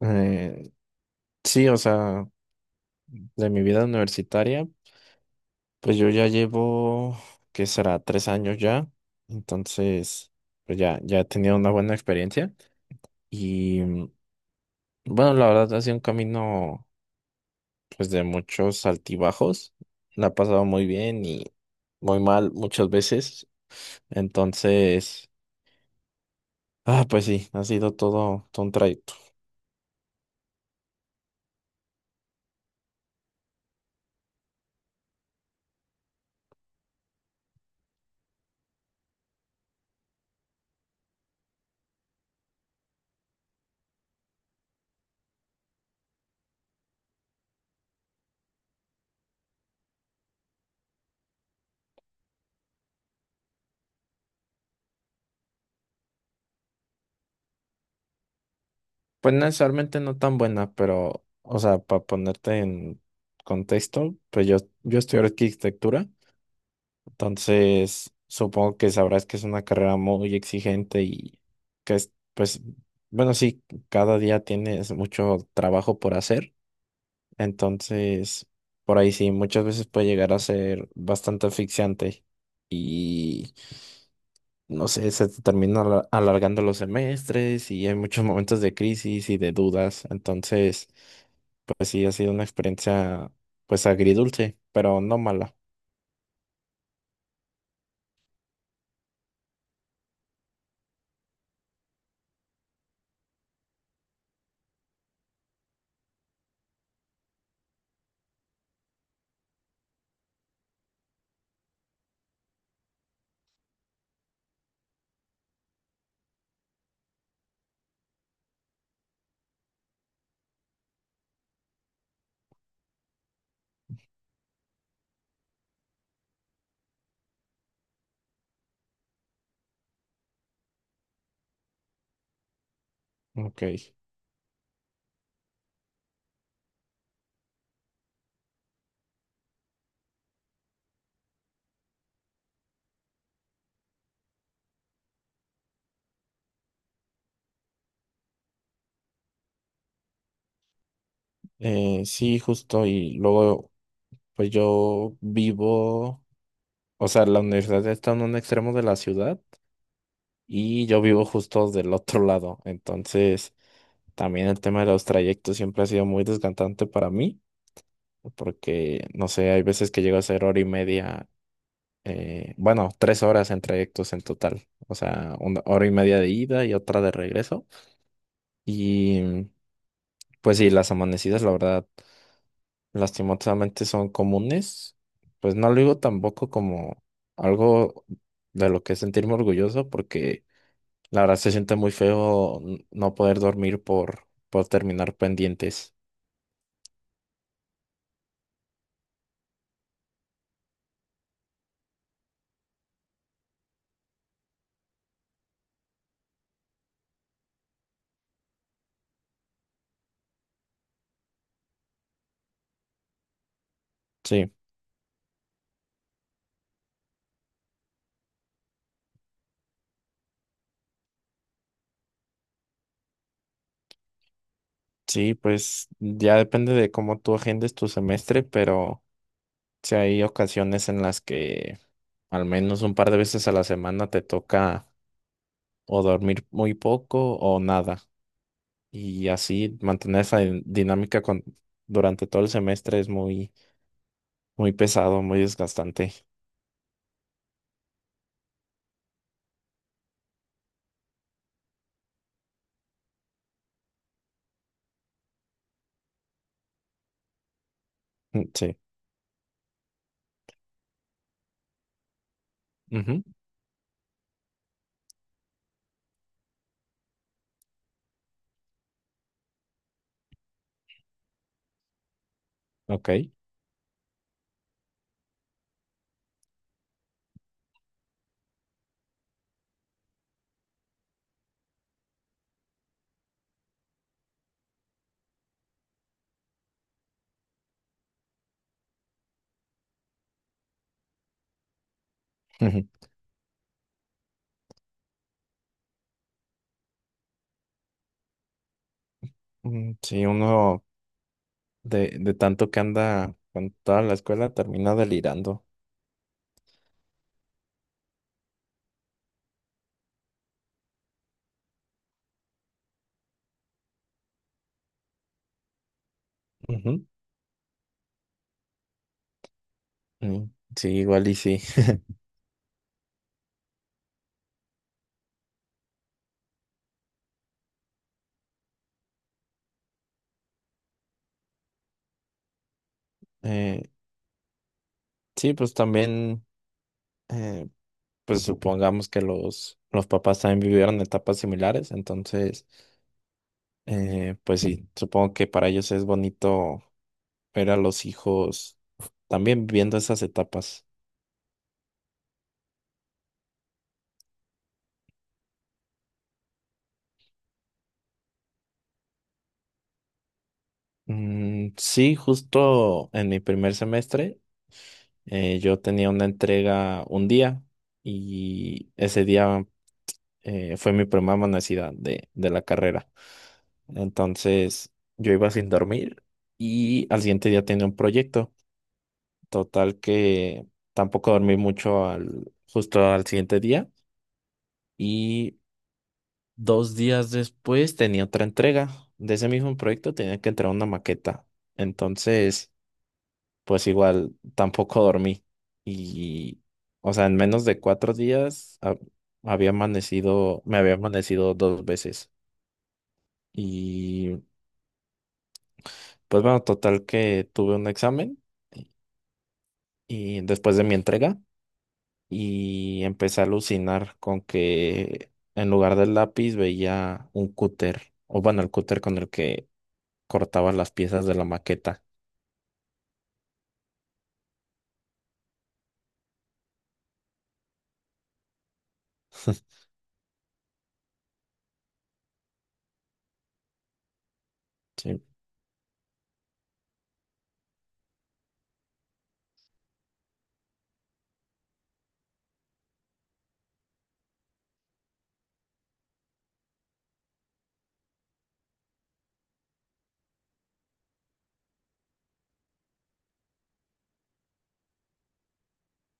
Eh, sí, o sea, de mi vida universitaria, pues yo ya llevo, ¿qué será? 3 años ya. Entonces, pues ya, ya he tenido una buena experiencia. Y bueno, la verdad ha sido un camino, pues de muchos altibajos. La he pasado muy bien y muy mal muchas veces. Entonces, pues sí, ha sido todo un trayecto. Pues necesariamente no tan buena, pero, o sea, para ponerte en contexto, pues yo estudié arquitectura, entonces supongo que sabrás que es una carrera muy exigente y que es, pues, bueno, sí, cada día tienes mucho trabajo por hacer, entonces, por ahí sí, muchas veces puede llegar a ser bastante asfixiante. No sé, se te termina alargando los semestres y hay muchos momentos de crisis y de dudas. Entonces, pues sí, ha sido una experiencia, pues agridulce, pero no mala. Ok. Sí, justo. Y luego, pues yo vivo, o sea, la universidad está en un extremo de la ciudad y yo vivo justo del otro lado. Entonces, también el tema de los trayectos siempre ha sido muy desgastante para mí, porque, no sé, hay veces que llego a ser hora y media, bueno, 3 horas en trayectos en total, o sea, una hora y media de ida y otra de regreso. Y pues sí, las amanecidas, la verdad, lastimosamente son comunes. Pues no lo digo tampoco como algo de lo que sentirme orgulloso, porque la verdad se siente muy feo no poder dormir por terminar pendientes. Sí, sí, pues ya depende de cómo tú agendes tu semestre, pero... Si hay ocasiones en las que al menos un par de veces a la semana te toca o dormir muy poco o nada. Y así mantener esa dinámica durante todo el semestre es muy, muy pesado, muy desgastante. Mm, sí. Ujú. Ok. Ujú. Mm, sí, uno de tanto que anda con toda la escuela termina delirando. Ujú. Mm, sí, igual y sí. Eh, sí, pues también. eh, pues supongamos que los papás también vivieron etapas similares, entonces, pues sí, supongo que para ellos es bonito ver a los hijos también viviendo esas etapas. Mm, sí, justo en mi primer semestre, yo tenía una entrega un día y ese día fue mi primera monocida de la carrera. Entonces, yo iba sin dormir y al siguiente día tenía un proyecto. Total que tampoco dormí mucho justo al siguiente día y 2 días después tenía otra entrega de ese mismo proyecto, tenía que entregar una maqueta. Entonces, pues igual tampoco dormí y, o sea, en menos de 4 días había amanecido, me había amanecido 2 veces y pues bueno, total que tuve un examen y y después de mi entrega. Y empecé a alucinar con que en lugar del lápiz veía un cúter, o bueno, el cúter con el que cortaba las piezas de la maqueta. Sí.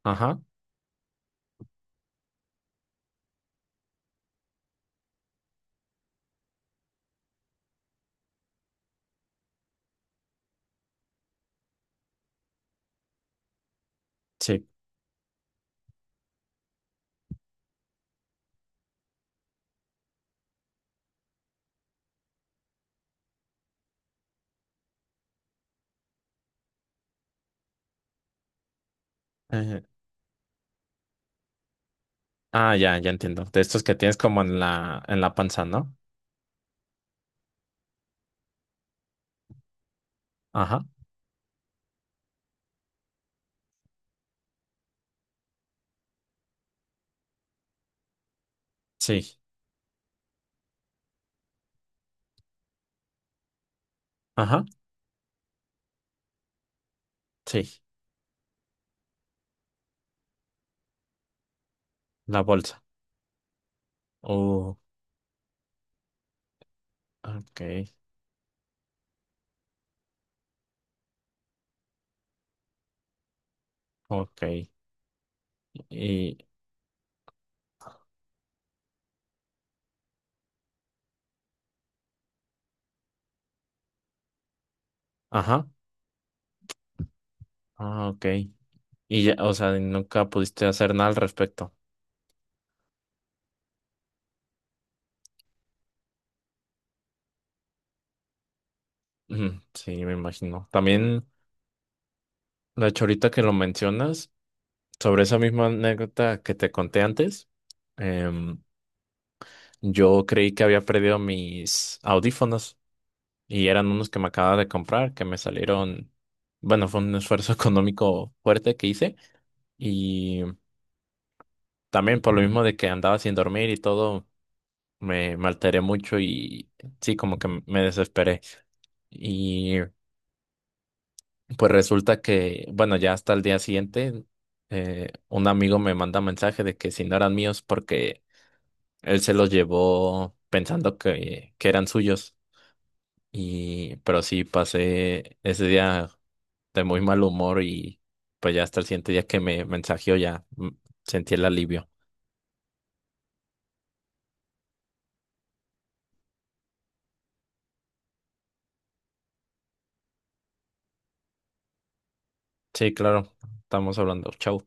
Ajá, sí. Eh, ya, ya entiendo. De estos que tienes como en la panza, ¿no? Ajá, sí. Ajá, sí. La bolsa. Uh, ok, ok. Y, ajá, ok. Y ya, o sea, nunca pudiste hacer nada al respecto. Ujú, sí, me imagino. También. De hecho, ahorita que lo mencionas, sobre esa misma anécdota que te conté antes, em, yo creí que había perdido mis audífonos y eran unos que me acababa de comprar, que me salieron, bueno, fue un esfuerzo económico fuerte que hice y también por lo mismo de que andaba sin dormir y todo, me alteré mucho y sí, como que me desesperé. Y pues resulta que, bueno, ya hasta el día siguiente, un amigo me manda mensaje de que si no eran míos porque él se los llevó pensando que eran suyos. Y, pero sí, pasé ese día de muy mal humor y pues ya hasta el siguiente día que me mensajeó ya sentí el alivio. Sí, claro, estamos hablando. Chau.